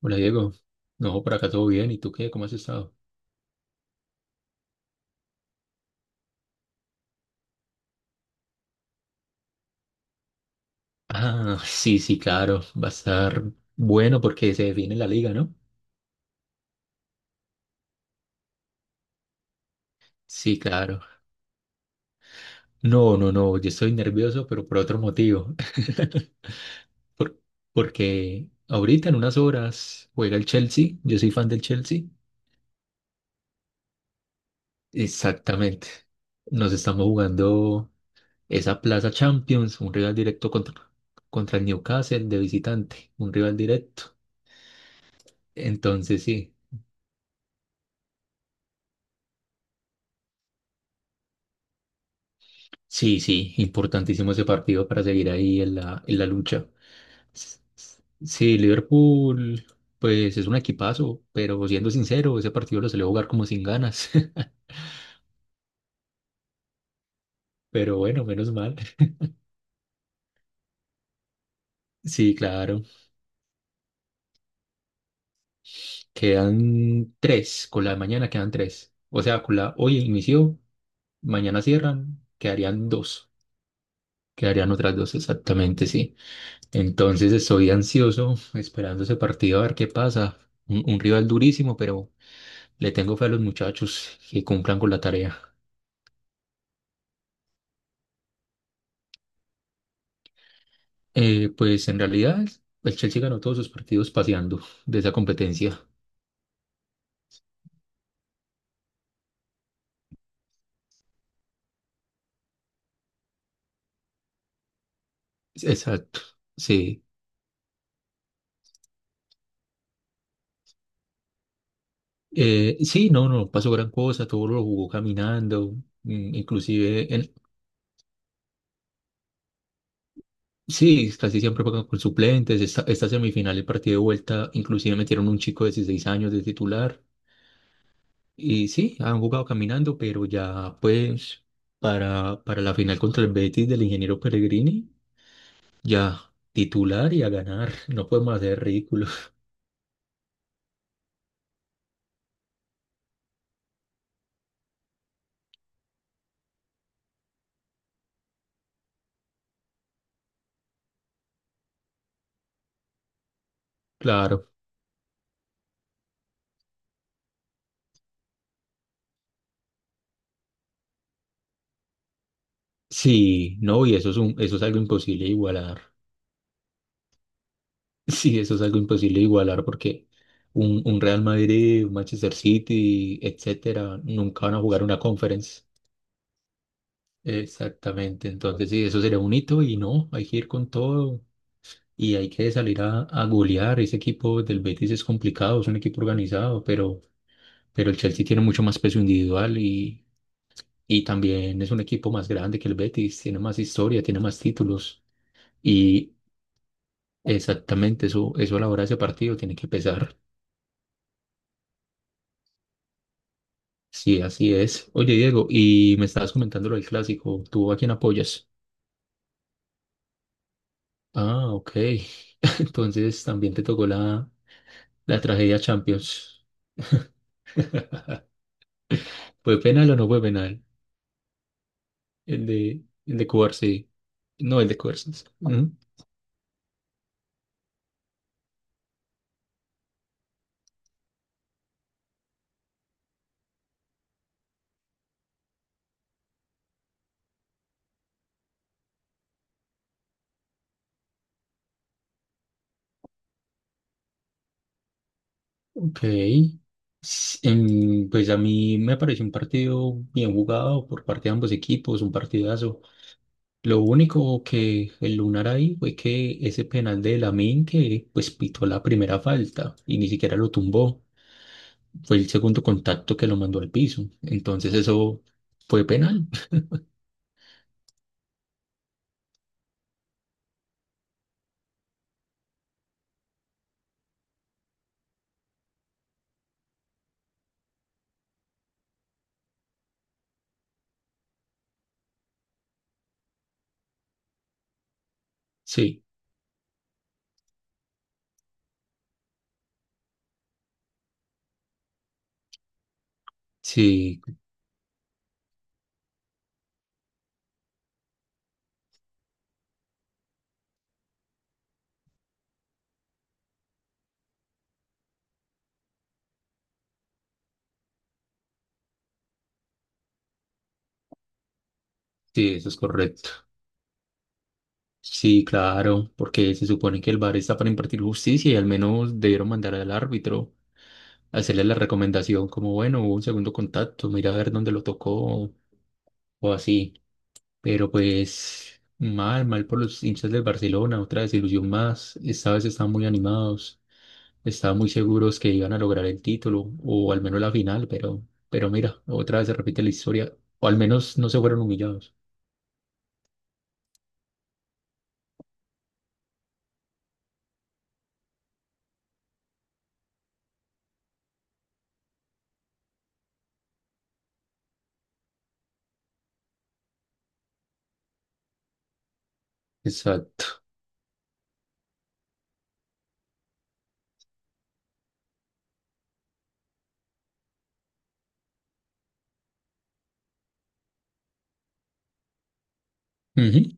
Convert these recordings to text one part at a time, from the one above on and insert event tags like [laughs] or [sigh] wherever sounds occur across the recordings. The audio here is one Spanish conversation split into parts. Hola Diego, no, por acá todo bien, ¿y tú qué? ¿Cómo has estado? Ah, sí, sí, claro, va a estar bueno porque se define la liga, ¿no? Sí, claro. No, no, no, yo estoy nervioso, pero por otro motivo. [laughs] Por- porque ahorita en unas horas juega el Chelsea, yo soy fan del Chelsea. Exactamente. Nos estamos jugando esa Plaza Champions, un rival directo contra el Newcastle de visitante, un rival directo. Entonces sí. Sí, sí, importantísimo ese partido para seguir ahí en la lucha. Sí, Liverpool, pues es un equipazo, pero siendo sincero, ese partido lo salió a jugar como sin ganas. [laughs] Pero bueno, menos mal. Sí, claro. Quedan tres, con la de mañana quedan tres. O sea, con la hoy inició, mañana cierran, quedarían dos. Quedarían otras dos, exactamente, sí. Entonces estoy ansioso, esperando ese partido a ver qué pasa. Un rival durísimo, pero le tengo fe a los muchachos que cumplan con la tarea. Pues en realidad el Chelsea ganó todos sus partidos paseando de esa competencia. Exacto, sí. Sí, no, no pasó gran cosa, todo lo jugó caminando, mm, inclusive, en, sí, casi siempre juegan con suplentes. Esta semifinal, el partido de vuelta, inclusive metieron un chico de 16 años de titular. Y sí, han jugado caminando, pero ya pues para la final contra el Betis del ingeniero Peregrini. Ya, titular y a ganar. [laughs] No podemos hacer ridículos. [laughs] Claro. Sí, no, y eso es algo imposible de igualar. [laughs] Sí, eso es algo imposible de igualar porque un Real Madrid, un Manchester City, etcétera, nunca van a jugar una conference. Exactamente. Entonces, sí, eso sería un hito y no, hay que ir con todo y hay que salir a golear. Ese equipo del Betis es complicado, es un equipo organizado, pero el Chelsea tiene mucho más peso individual. Y también es un equipo más grande que el Betis, tiene más historia, tiene más títulos. Y exactamente eso, eso a la hora de ese partido tiene que pesar. Sí, así es. Oye, Diego, y me estabas comentando lo del clásico. ¿Tú a quién apoyas? Ah, ok. [laughs] Entonces también te tocó la, la tragedia Champions. [laughs] ¿Fue penal o no fue penal? El de Cubarsí. No, el de Cubarsí. Ok. Pues a mí me pareció un partido bien jugado por parte de ambos equipos, un partidazo. Lo único que el Lunar ahí fue que ese penal de Lamine que pues pitó la primera falta y ni siquiera lo tumbó. Fue el segundo contacto que lo mandó al piso. Entonces eso fue penal. [laughs] Sí, sí, sí, eso es correcto. Sí, claro, porque se supone que el VAR está para impartir justicia y al menos debieron mandar al árbitro hacerle la recomendación como, bueno, hubo un segundo contacto, mira a ver dónde lo tocó, o o así. Pero pues mal, mal por los hinchas del Barcelona, otra desilusión más. Esta vez estaban muy animados, estaban muy seguros que iban a lograr el título o al menos la final, pero mira, otra vez se repite la historia, o al menos no se fueron humillados. Exacto. Ujú.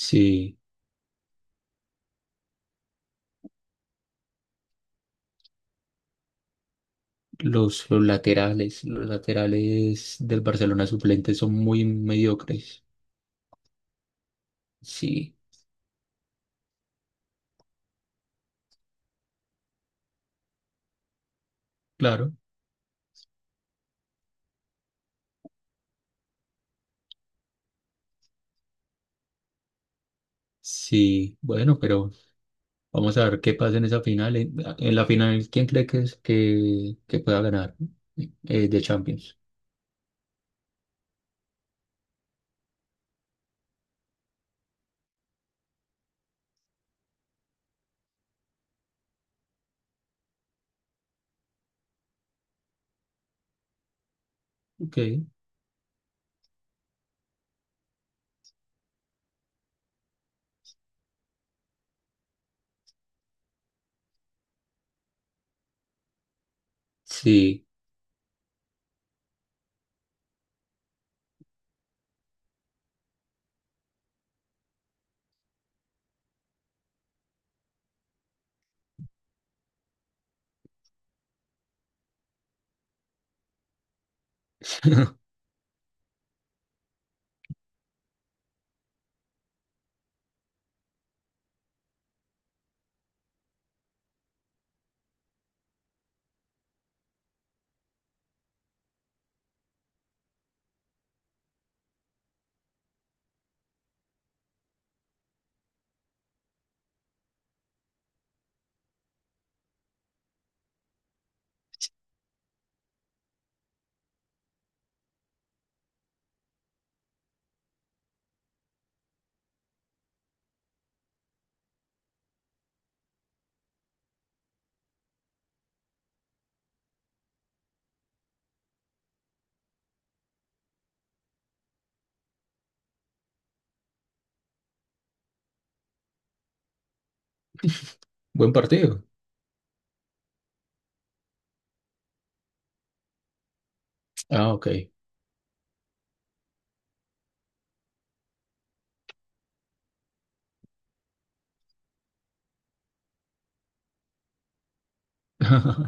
Sí, los laterales, los laterales del Barcelona suplentes son muy mediocres. Sí, claro. Sí, bueno, pero vamos a ver qué pasa en esa final. En la final, ¿quién cree que pueda ganar de Champions? Ok, sí. [laughs] Buen partido. Ah, ok. [laughs]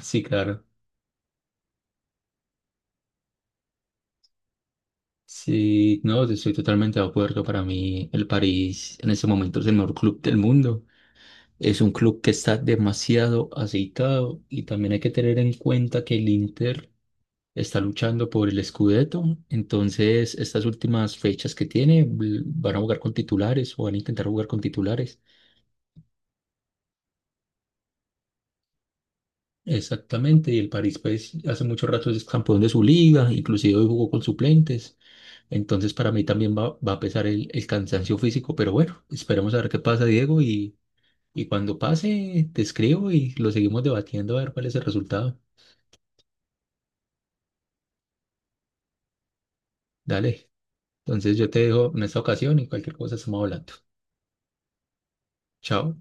Sí, claro. Sí, no, estoy totalmente de acuerdo. Para mí, el París en este momento es el mejor club del mundo. Es un club que está demasiado aceitado y también hay que tener en cuenta que el Inter está luchando por el Scudetto, entonces estas últimas fechas que tiene van a jugar con titulares o van a intentar jugar con titulares. Exactamente, y el París pues hace mucho rato es campeón de su liga, inclusive hoy jugó con suplentes, entonces para mí también va a pesar el cansancio físico, pero bueno, esperemos a ver qué pasa, Diego, y cuando pase te escribo y lo seguimos debatiendo a ver cuál es el resultado. Dale, entonces yo te dejo en esta ocasión y cualquier cosa estamos hablando. Chao.